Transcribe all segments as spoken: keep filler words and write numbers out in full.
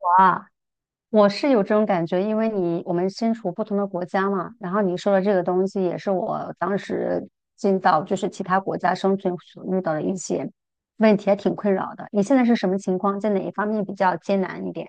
我啊，我是有这种感觉，因为你我们身处不同的国家嘛，然后你说的这个东西也是我当时进到就是其他国家生存所遇到的一些问题，还挺困扰的。你现在是什么情况？在哪一方面比较艰难一点？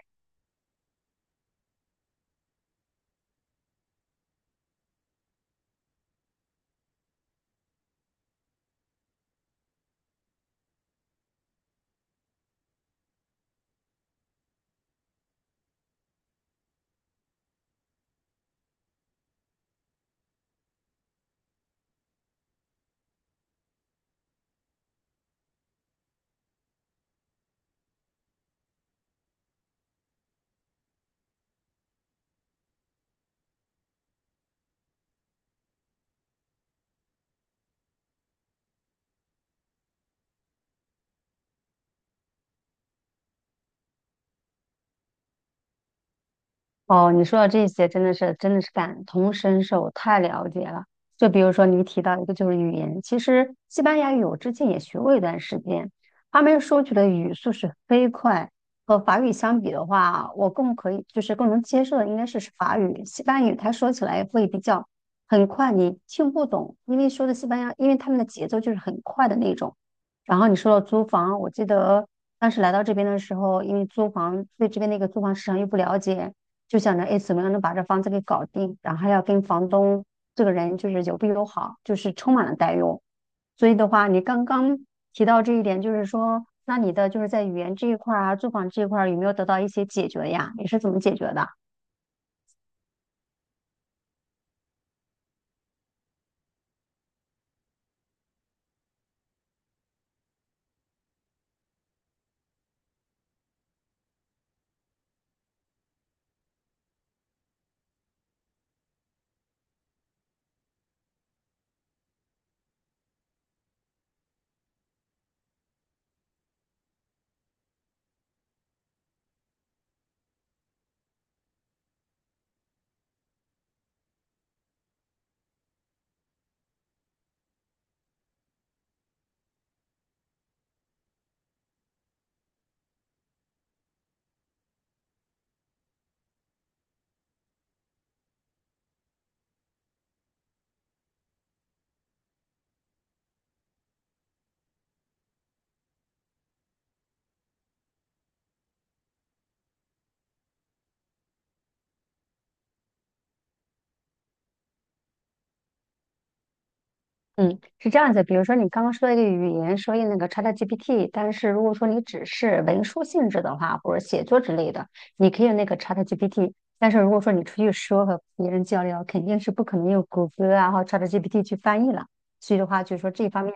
哦，你说的这些真的是真的是感同身受，太了解了。就比如说你提到一个就是语言，其实西班牙语我之前也学过一段时间，他们说起的语速是飞快，和法语相比的话，我更可以就是更能接受的应该是是法语，西班牙语它说起来会比较很快，你听不懂，因为说的西班牙，因为他们的节奏就是很快的那种。然后你说到租房，我记得当时来到这边的时候，因为租房对这边那个租房市场又不了解。就想着哎，怎么样能把这房子给搞定，然后还要跟房东这个人就是友不友好，就是充满了担忧。所以的话，你刚刚提到这一点，就是说，那你的就是在语言这一块儿啊，住房这一块儿有没有得到一些解决呀？你是怎么解决的？嗯，是这样子。比如说，你刚刚说的一个语言，说用那个 ChatGPT，但是如果说你只是文书性质的话，或者写作之类的，你可以用那个 ChatGPT。但是如果说你出去说和别人交流，肯定是不可能用谷歌啊或 ChatGPT 去翻译了。所以的话，就是说这一方面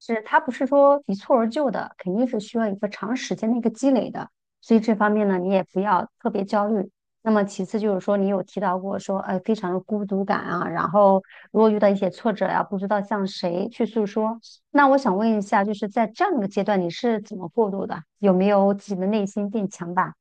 是它不是说一蹴而就的，肯定是需要一个长时间的一个积累的。所以这方面呢，你也不要特别焦虑。那么其次就是说，你有提到过说，哎，非常的孤独感啊，然后如果遇到一些挫折呀、不知道向谁去诉说。那我想问一下，就是在这样的一个阶段，你是怎么过渡的？有没有自己的内心变强大？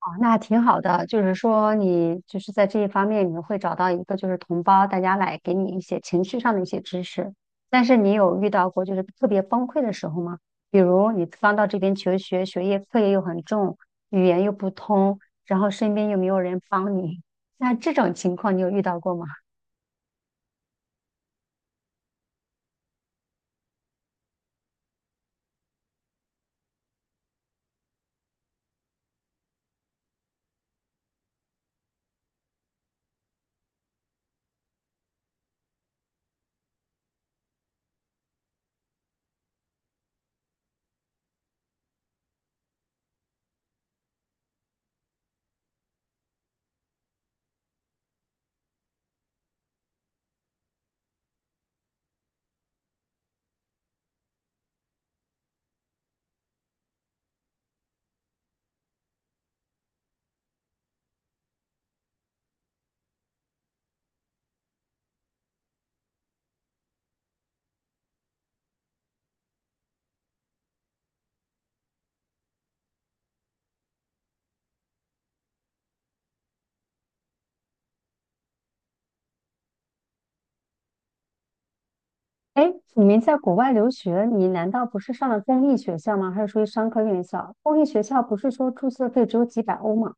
哦，那挺好的，就是说你就是在这一方面，你会找到一个就是同胞，大家来给你一些情绪上的一些支持。但是你有遇到过就是特别崩溃的时候吗？比如你刚到这边求学，学业课业又很重，语言又不通，然后身边又没有人帮你，那这种情况你有遇到过吗？哎，你们在国外留学，你难道不是上了公立学校吗？还是属于商科院校？公立学校不是说注册费只有几百欧吗？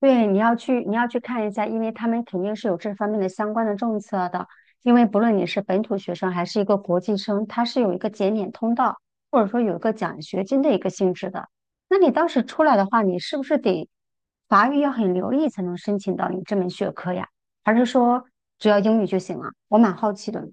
对，你要去，你要去看一下，因为他们肯定是有这方面的相关的政策的。因为不论你是本土学生还是一个国际生，它是有一个减免通道，或者说有一个奖学金的一个性质的。那你当时出来的话，你是不是得法语要很流利才能申请到你这门学科呀？还是说只要英语就行了？我蛮好奇的。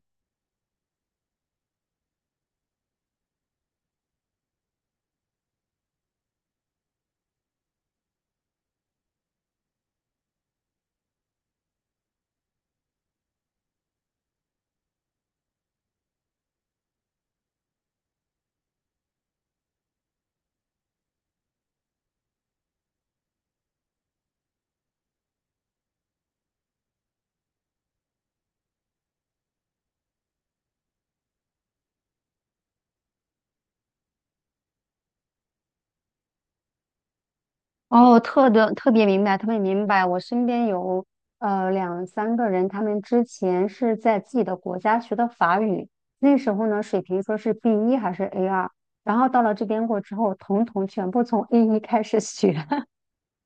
哦，特的特别明白，特别明白。我身边有呃两三个人，他们之前是在自己的国家学的法语，那时候呢水平说是 B 一还是 A 二，然后到了这边过之后，统统全部从 A 一开始学，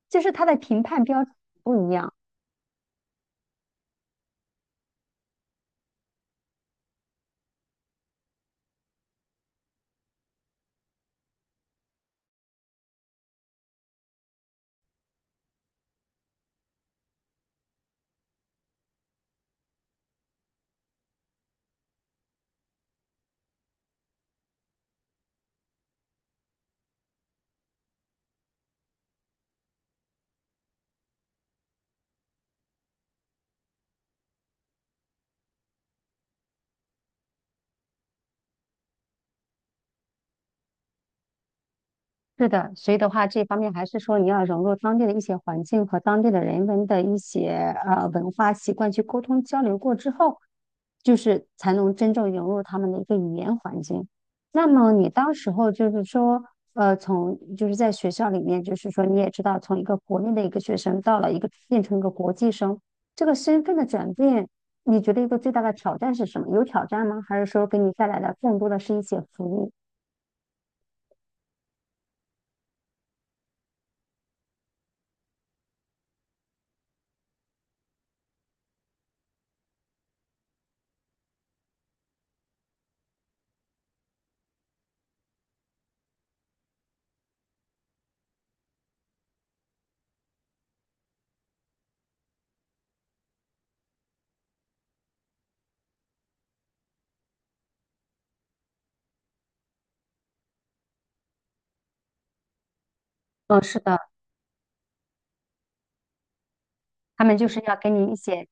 就是他的评判标准不一样。是的，所以的话，这方面还是说你要融入当地的一些环境和当地的人文的一些呃文化习惯去沟通交流过之后，就是才能真正融入他们的一个语言环境。那么你当时候就是说，呃，从就是在学校里面，就是说你也知道，从一个国内的一个学生到了一个变成一个国际生，这个身份的转变，你觉得一个最大的挑战是什么？有挑战吗？还是说给你带来的更多的是一些福利？嗯，是的，他们就是要给你一些。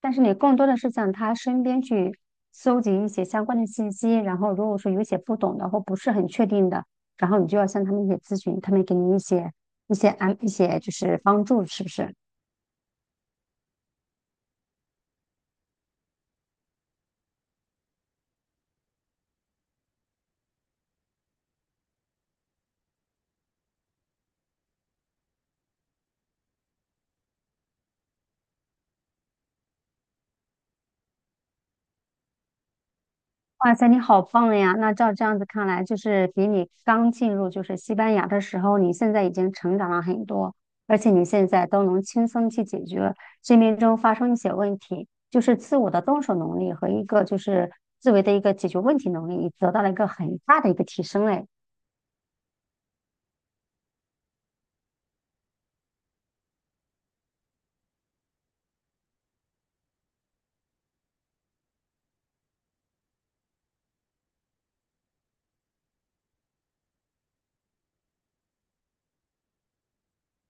但是你更多的是向他身边去搜集一些相关的信息，然后如果说有一些不懂的或不是很确定的，然后你就要向他们一些咨询，他们给你一些一些安一些就是帮助，是不是？哇塞，你好棒呀！那照这样子看来，就是比你刚进入就是西班牙的时候，你现在已经成长了很多，而且你现在都能轻松去解决生命中发生一些问题，就是自我的动手能力和一个就是自为的一个解决问题能力，你得到了一个很大的一个提升嘞。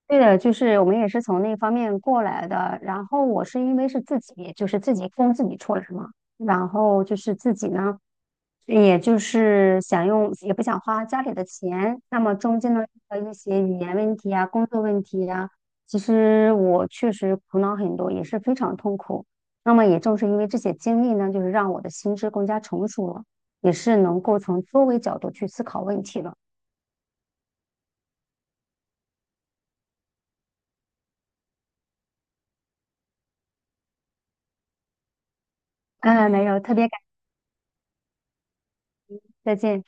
对的，就是我们也是从那方面过来的。然后我是因为是自己，就是自己供自己出来嘛。然后就是自己呢，也就是想用，也不想花家里的钱。那么中间呢，的一些语言问题啊、工作问题啊，其实我确实苦恼很多，也是非常痛苦。那么也正是因为这些经历呢，就是让我的心智更加成熟了，也是能够从多维角度去思考问题了。嗯，没有，特别感谢，再见。